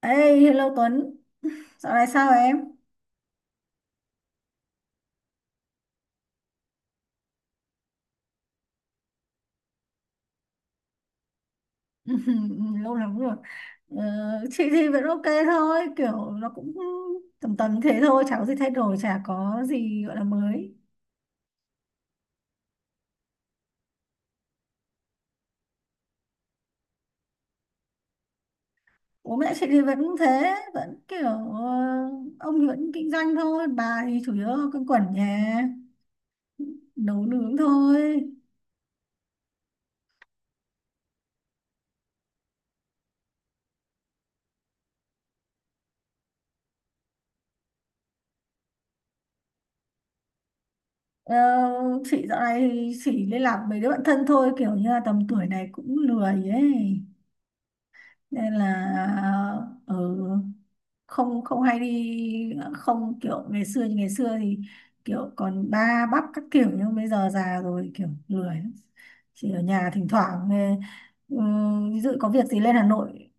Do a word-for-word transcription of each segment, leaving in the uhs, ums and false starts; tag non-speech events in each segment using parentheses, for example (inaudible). Ê, hello Tuấn, dạo này sao em? (laughs) Lâu lắm rồi. Ờ, chị thì vẫn ok thôi, kiểu nó cũng tầm tầm thế thôi, chả có gì thay đổi, chả có gì gọi là mới. Bố mẹ chị thì vẫn thế, vẫn kiểu, ờ, ông thì vẫn kinh doanh thôi, bà thì chủ yếu quanh quẩn nhà, nấu nướng thôi. Ờ, chị dạo này thì chỉ liên lạc với đứa bạn thân thôi, kiểu như là tầm tuổi này cũng lười ấy. Nên là ừ, không không hay đi, không kiểu ngày xưa, như ngày xưa thì kiểu còn ba bắp các kiểu, nhưng bây giờ già rồi kiểu lười lắm. Chỉ ở nhà thỉnh thoảng, ừ, ví dụ có việc gì lên Hà Nội.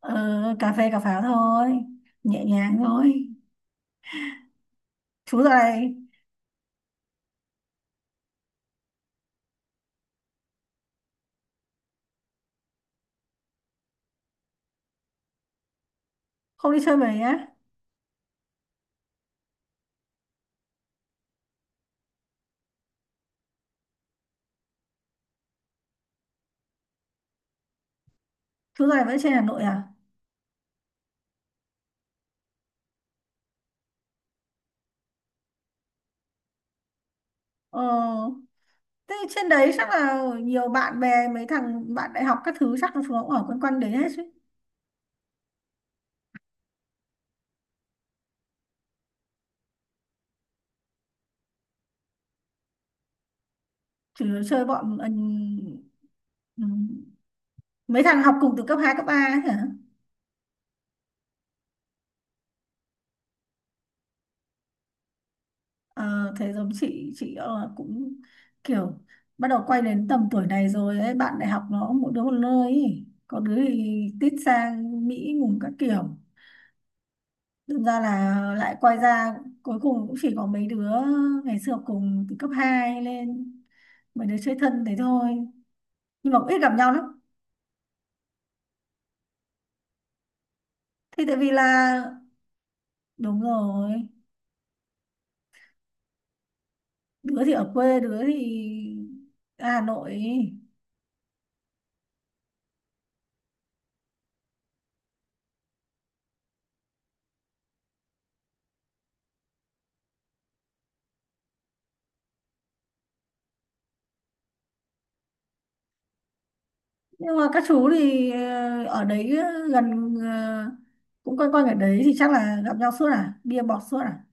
ờ, Cà phê cà pháo thôi, nhẹ nhàng thôi. Chú dạo này không đi chơi mấy á? Chú dạo này vẫn trên Hà Nội à? ờ Thế trên đấy chắc là nhiều bạn bè, mấy thằng bạn đại học các thứ chắc là chúng nó cũng ở quanh quanh đấy hết chứ? Chỉ chơi bọn, ừ, mấy thằng học cùng từ cấp hai cấp ba ấy hả? ờ, Thế giống chị chị ờ, cũng kiểu bắt đầu quay đến tầm tuổi này rồi ấy, bạn đại học nó mỗi đứa một nơi ấy. Có đứa thì tít sang Mỹ ngùng các kiểu, đâm ra là lại quay ra, cuối cùng cũng chỉ có mấy đứa ngày xưa học cùng từ cấp hai lên, mấy đứa chơi thân thế thôi, nhưng mà cũng ít gặp nhau lắm. Thì tại vì là, đúng rồi, đứa thì ở quê, đứa thì ở Hà Nội ấy. Nhưng mà các chú thì ờ, ở đấy, ờ, gần, ờ, cũng quanh quanh ở đấy thì chắc là gặp nhau suốt à, bia bọt suốt à?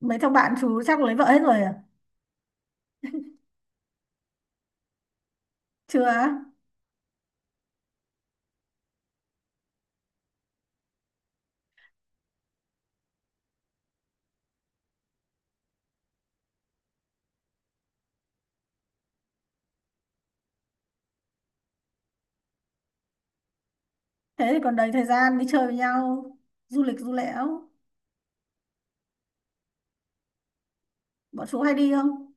Mấy thằng bạn chú chắc lấy vợ hết rồi à? Chưa á? Thế thì còn đầy thời gian đi chơi với nhau, du lịch du lẽo. Bọn chú hay đi không?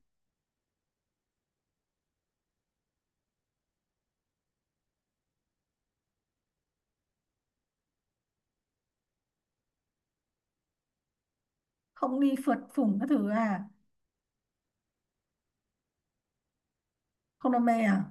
Không đi phượt phủng các thứ à? Không đam mê à?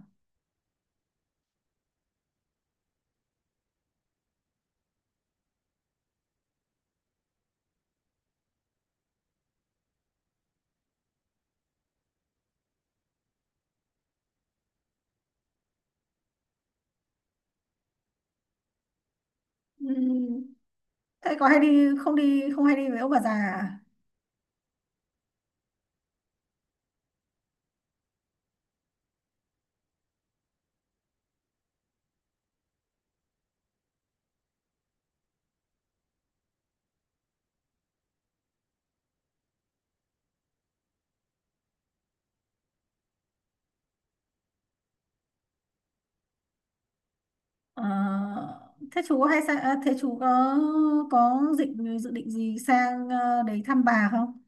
Ừm, Thế có hay đi không, đi không, hay đi với ông bà già à? Ờ, thế chú có hay sang à, thế chú có, có định, dự định gì sang, ờ, đấy thăm bà không?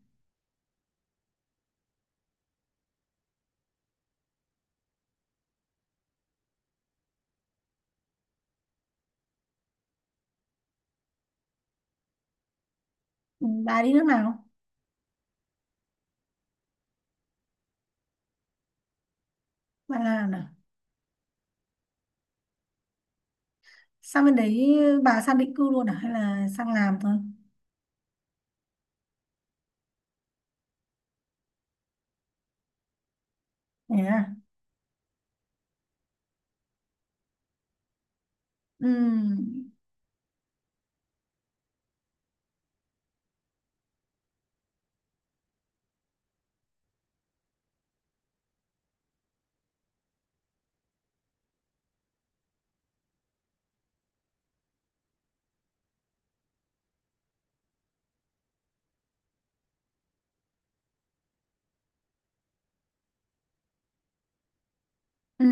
Ừ, bà đi nước nào? Bạn làm à? Sang bên đấy bà sang định cư luôn à? Hay là sang làm thôi? Thế à? Ừ. Ừ.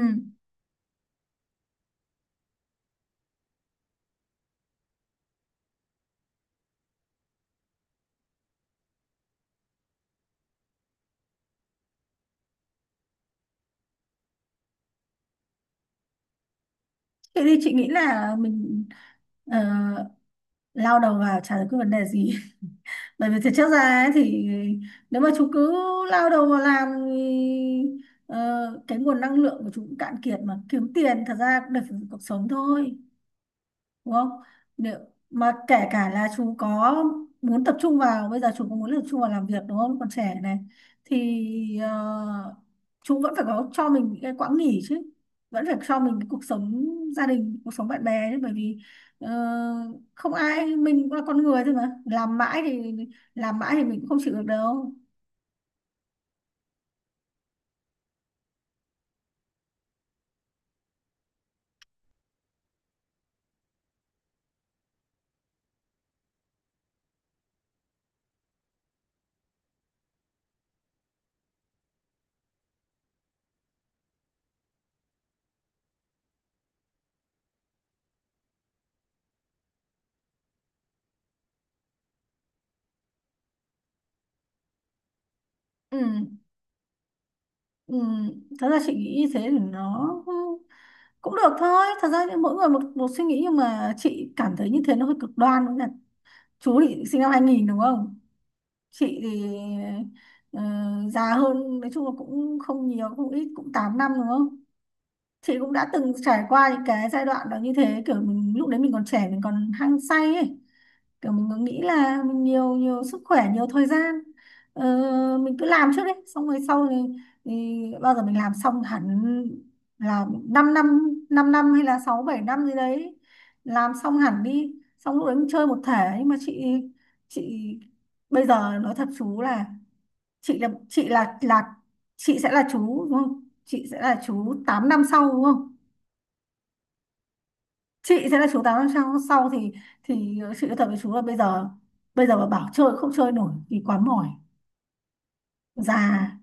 Thế thì chị nghĩ là mình ờ, lao đầu vào chả giải quyết vấn đề gì. (laughs) Bởi vì thực chất ra ấy, thì nếu mà chú cứ lao đầu vào làm thì ờ, cái nguồn năng lượng của chú cũng cạn kiệt, mà kiếm tiền thật ra cũng để phục vụ cuộc sống thôi. Đúng không? Nếu mà kể cả là chú có muốn tập trung vào, bây giờ chú có muốn tập trung vào làm việc đúng không, còn trẻ này, thì ờ, chú vẫn phải có cho mình những cái quãng nghỉ chứ, vẫn phải cho mình cái cuộc sống gia đình, cuộc sống bạn bè chứ, bởi vì ờ, không ai, mình cũng là con người thôi, mà làm mãi thì, làm mãi thì mình cũng không chịu được đâu. Ừ, ừ. Thật ra chị nghĩ như thế thì nó cũng được thôi, thật ra thì mỗi người một một suy nghĩ, nhưng mà chị cảm thấy như thế nó hơi cực đoan. Chú thì sinh năm hai nghìn đúng không? Chị thì ờ, già hơn, nói chung là cũng không nhiều không ít, cũng tám năm đúng không? Chị cũng đã từng trải qua những cái giai đoạn đó, như thế kiểu mình lúc đấy mình còn trẻ, mình còn hăng say ấy, kiểu mình cứ nghĩ là mình nhiều nhiều sức khỏe, nhiều thời gian, ờ, mình cứ làm trước đấy, xong rồi sau thì, thì bao giờ mình làm xong hẳn, là 5 năm năm năm năm hay là sáu bảy năm gì đấy, làm xong hẳn đi, xong lúc đấy mình chơi một thể. Nhưng mà chị chị bây giờ nói thật chú là, chị là, chị là là chị sẽ là chú, đúng không, chị sẽ là chú tám năm sau đúng không, chị sẽ là chú tám năm sau, sau thì thì chị nói thật với chú là bây giờ bây giờ mà bảo chơi không chơi nổi thì quá mỏi, già.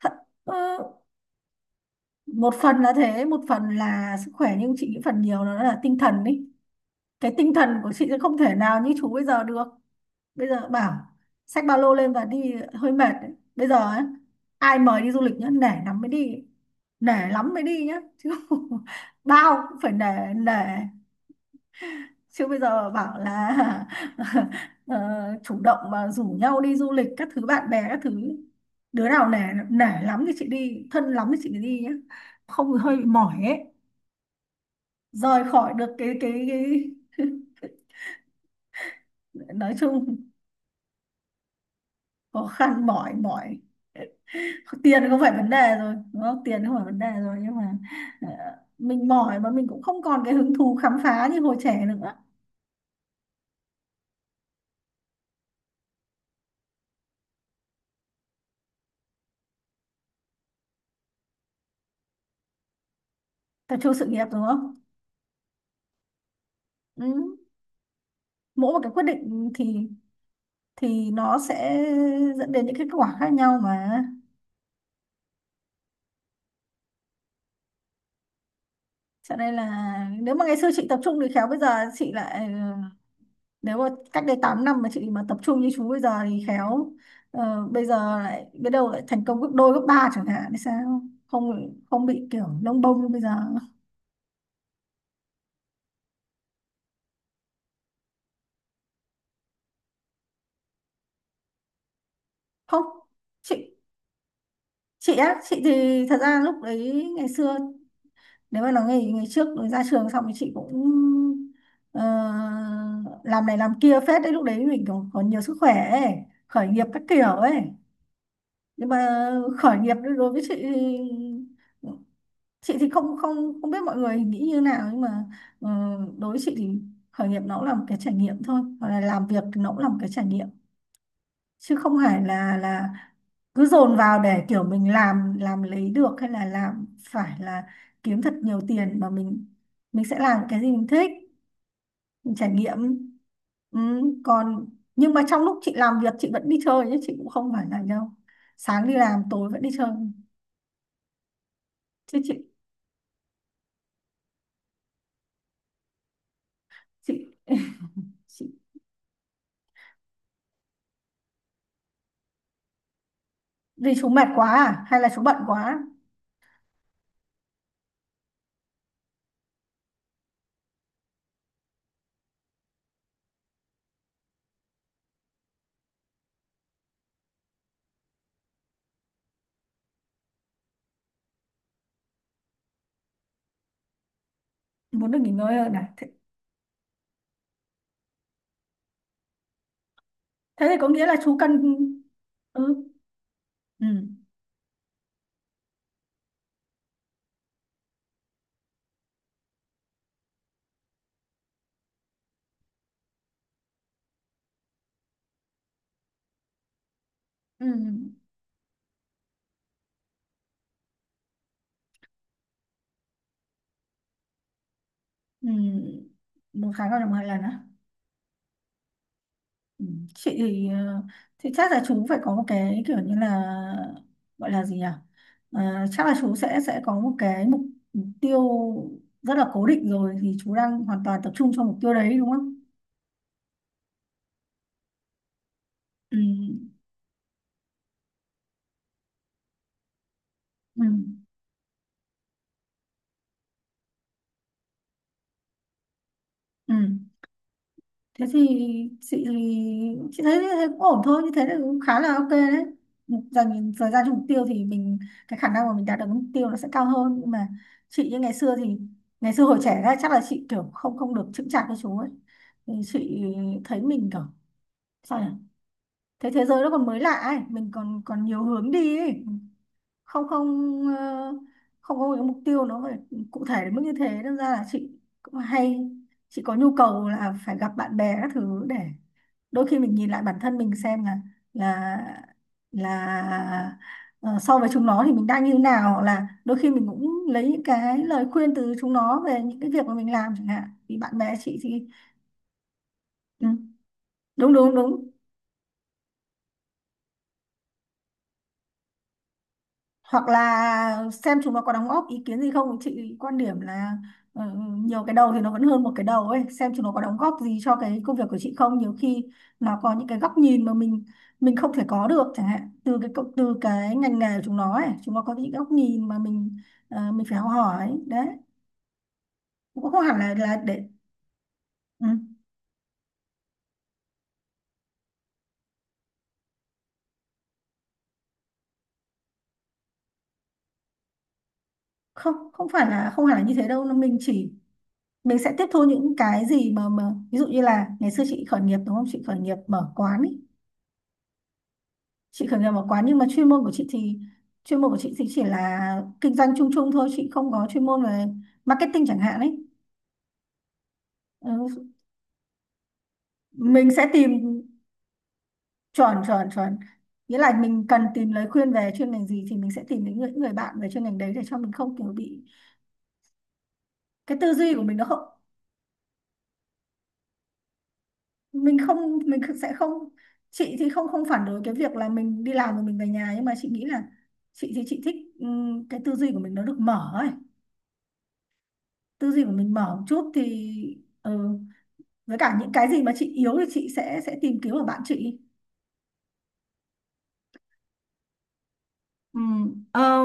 Thật, ờ, một phần là thế, một phần là sức khỏe, nhưng chị nghĩ phần nhiều nó là tinh thần ý. Cái tinh thần của chị sẽ không thể nào như chú bây giờ được. Bây giờ bảo xách ba lô lên và đi hơi mệt đấy. Bây giờ ấy, ai mời đi du lịch nhá, nể lắm mới đi, nể lắm mới đi nhá chứ. (laughs) Bao cũng phải nể, nể, chứ bây giờ bảo là (laughs) ờ, chủ động mà rủ nhau đi du lịch các thứ, bạn bè các thứ, đứa nào nể, nể lắm thì chị đi, thân lắm thì chị mới đi nhé, không thì hơi bị mỏi ấy. Rời khỏi được cái cái, cái... (laughs) nói chung khó khăn, mỏi mỏi, tiền không phải vấn đề rồi đúng không, tiền không phải vấn đề rồi, nhưng mà ờ, mình mỏi mà mình cũng không còn cái hứng thú khám phá như hồi trẻ nữa. Tập trung sự nghiệp đúng không? Ừ. Mỗi một cái quyết định thì thì nó sẽ dẫn đến những cái kết quả khác nhau mà. Cho nên là nếu mà ngày xưa chị tập trung thì khéo bây giờ chị lại ờ, nếu mà cách đây tám năm mà chị mà tập trung như chú bây giờ thì khéo, ờ, bây giờ lại biết đâu lại thành công gấp đôi gấp ba chẳng hạn thì sao, không không bị kiểu lông bông như bây giờ. Không, chị chị á, chị thì thật ra lúc đấy ngày xưa, nếu mà nói ngày ngày trước ra trường xong thì chị cũng ờ, làm này làm kia phết đấy, lúc đấy mình còn, còn nhiều sức khỏe ấy, khởi nghiệp các kiểu ấy. Nhưng mà khởi nghiệp đối với chị thì, chị thì không không không biết mọi người nghĩ như nào, nhưng mà ờ, đối với chị thì khởi nghiệp nó cũng là một cái trải nghiệm thôi, hoặc là làm việc thì nó cũng là một cái trải nghiệm, chứ không phải là, là cứ dồn vào để kiểu mình làm làm lấy được, hay là làm phải là kiếm thật nhiều tiền, mà mình mình sẽ làm cái gì mình thích, mình trải nghiệm. Ừ, còn, nhưng mà trong lúc chị làm việc chị vẫn đi chơi chứ, chị cũng không phải là đâu, sáng đi làm tối vẫn đi chơi chứ. Chị, chị chị vì chú mệt quá à hay là chú bận quá, muốn được nghỉ ngơi hơn à? Thế, thế thì có nghĩa là chú cần, ừ, ừ, ừ, ừ. Một tháng gặp được một lần á? Ừ, chị thì ờ, thì chắc là chú phải có một cái kiểu như là, gọi là gì nhỉ, Ờ, chắc là chú sẽ sẽ có một cái mục mục tiêu rất là cố định rồi, thì chú đang hoàn toàn tập trung cho mục tiêu đấy đúng không? Ừ, ừ, ừ. Thế thì chị chị thấy, thấy cũng ổn thôi, như thế là cũng khá là ok đấy, dành thời gian cho mục tiêu thì mình, cái khả năng mà mình đạt được mục tiêu nó sẽ cao hơn, nhưng mà chị như ngày xưa thì, ngày xưa hồi trẻ ra chắc là chị kiểu không không được chững chạc với chú ấy, thì chị thấy mình kiểu, sao nhỉ, thế thế giới nó còn mới lạ ấy, mình còn còn nhiều hướng đi ấy, không không ờ, không có một cái mục tiêu nó phải cụ thể đến mức như thế, nên ra là chị cũng hay, chị có nhu cầu là phải gặp bạn bè các thứ để đôi khi mình nhìn lại bản thân mình xem là, là là ờ, so với chúng nó thì mình đang như nào, hoặc là đôi khi mình cũng lấy những cái lời khuyên từ chúng nó về những cái việc mà mình làm chẳng hạn, thì bạn bè chị thì ừ, đúng đúng đúng, hoặc là xem chúng nó có đóng góp ý kiến gì không. Chị quan điểm là ờ, nhiều cái đầu thì nó vẫn hơn một cái đầu ấy, xem chúng nó có đóng góp gì cho cái công việc của chị không. Nhiều khi nó có những cái góc nhìn mà mình mình không thể có được chẳng hạn, từ cái cộng-, từ cái ngành nghề của chúng nó ấy, chúng nó có những góc nhìn mà mình ờ, mình phải học hỏi đấy, cũng không hẳn là, là để, ừ, không, không phải là, không hẳn là như thế đâu, mình chỉ, mình sẽ tiếp thu những cái gì mà, mà ví dụ như là ngày xưa chị khởi nghiệp đúng không, chị khởi nghiệp mở quán ý, chị khởi nghiệp một quán, nhưng mà chuyên môn của chị thì, chuyên môn của chị thì chỉ là kinh doanh chung chung thôi, chị không có chuyên môn về marketing chẳng hạn ấy. Ừ. Mình sẽ tìm, chuẩn chuẩn chuẩn, nghĩa là mình cần tìm lời khuyên về chuyên ngành gì thì mình sẽ tìm những người, những người bạn về chuyên ngành đấy, để cho mình không kiểu bị cái tư duy của mình nó không, mình không mình sẽ không, chị thì không không phản đối cái việc là mình đi làm rồi mình về nhà, nhưng mà chị nghĩ là chị thì chị thích, ừm, cái tư duy của mình nó được mở ấy, tư duy của mình mở một chút thì, ừ, với cả những cái gì mà chị yếu thì chị sẽ sẽ tìm kiếm ở bạn chị. Ừ. Ờ,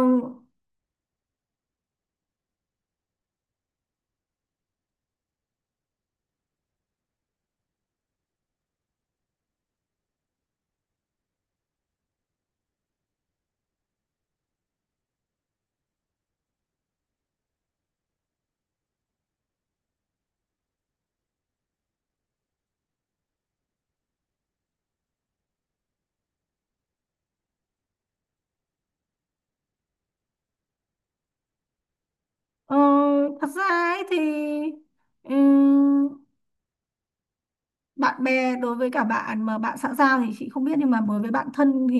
ờ, Thật ra ấy thì, ừ, bạn bè, đối với cả bạn mà bạn xã giao thì chị không biết, nhưng mà đối với bạn thân thì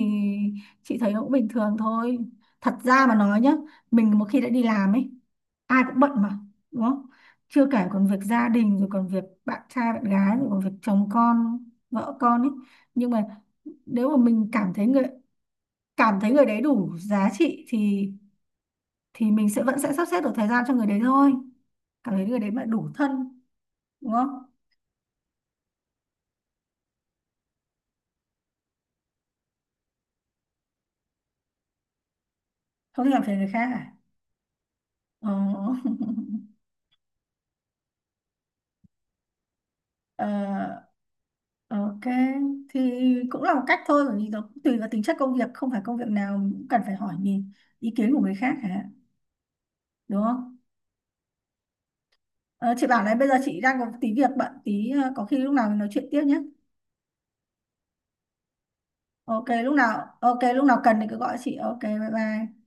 chị thấy nó cũng bình thường thôi. Thật ra mà nói nhá, mình một khi đã đi làm ấy, ai cũng bận mà, đúng không? Chưa kể còn việc gia đình, rồi còn việc bạn trai bạn gái, rồi còn việc chồng con, vợ con ấy. Nhưng mà nếu mà mình cảm thấy người, cảm thấy người đấy đủ giá trị thì thì mình sẽ vẫn sẽ sắp xếp được thời gian cho người đấy thôi, cảm thấy người đấy mà đủ thân, đúng không? Không thì làm phiền người khác à? Ờ. (laughs) ờ, ok, thì cũng là một cách thôi, bởi vì nó cũng tùy vào tính chất công việc, không phải công việc nào mình cũng cần phải hỏi nhìn ý kiến của người khác hả, đúng không? Ờ, chị bảo này, bây giờ chị đang có tí việc bận tí, ờ, có khi lúc nào mình nói chuyện tiếp nhé. Ok, lúc nào, ok lúc nào cần thì cứ gọi chị, ok, bye bye.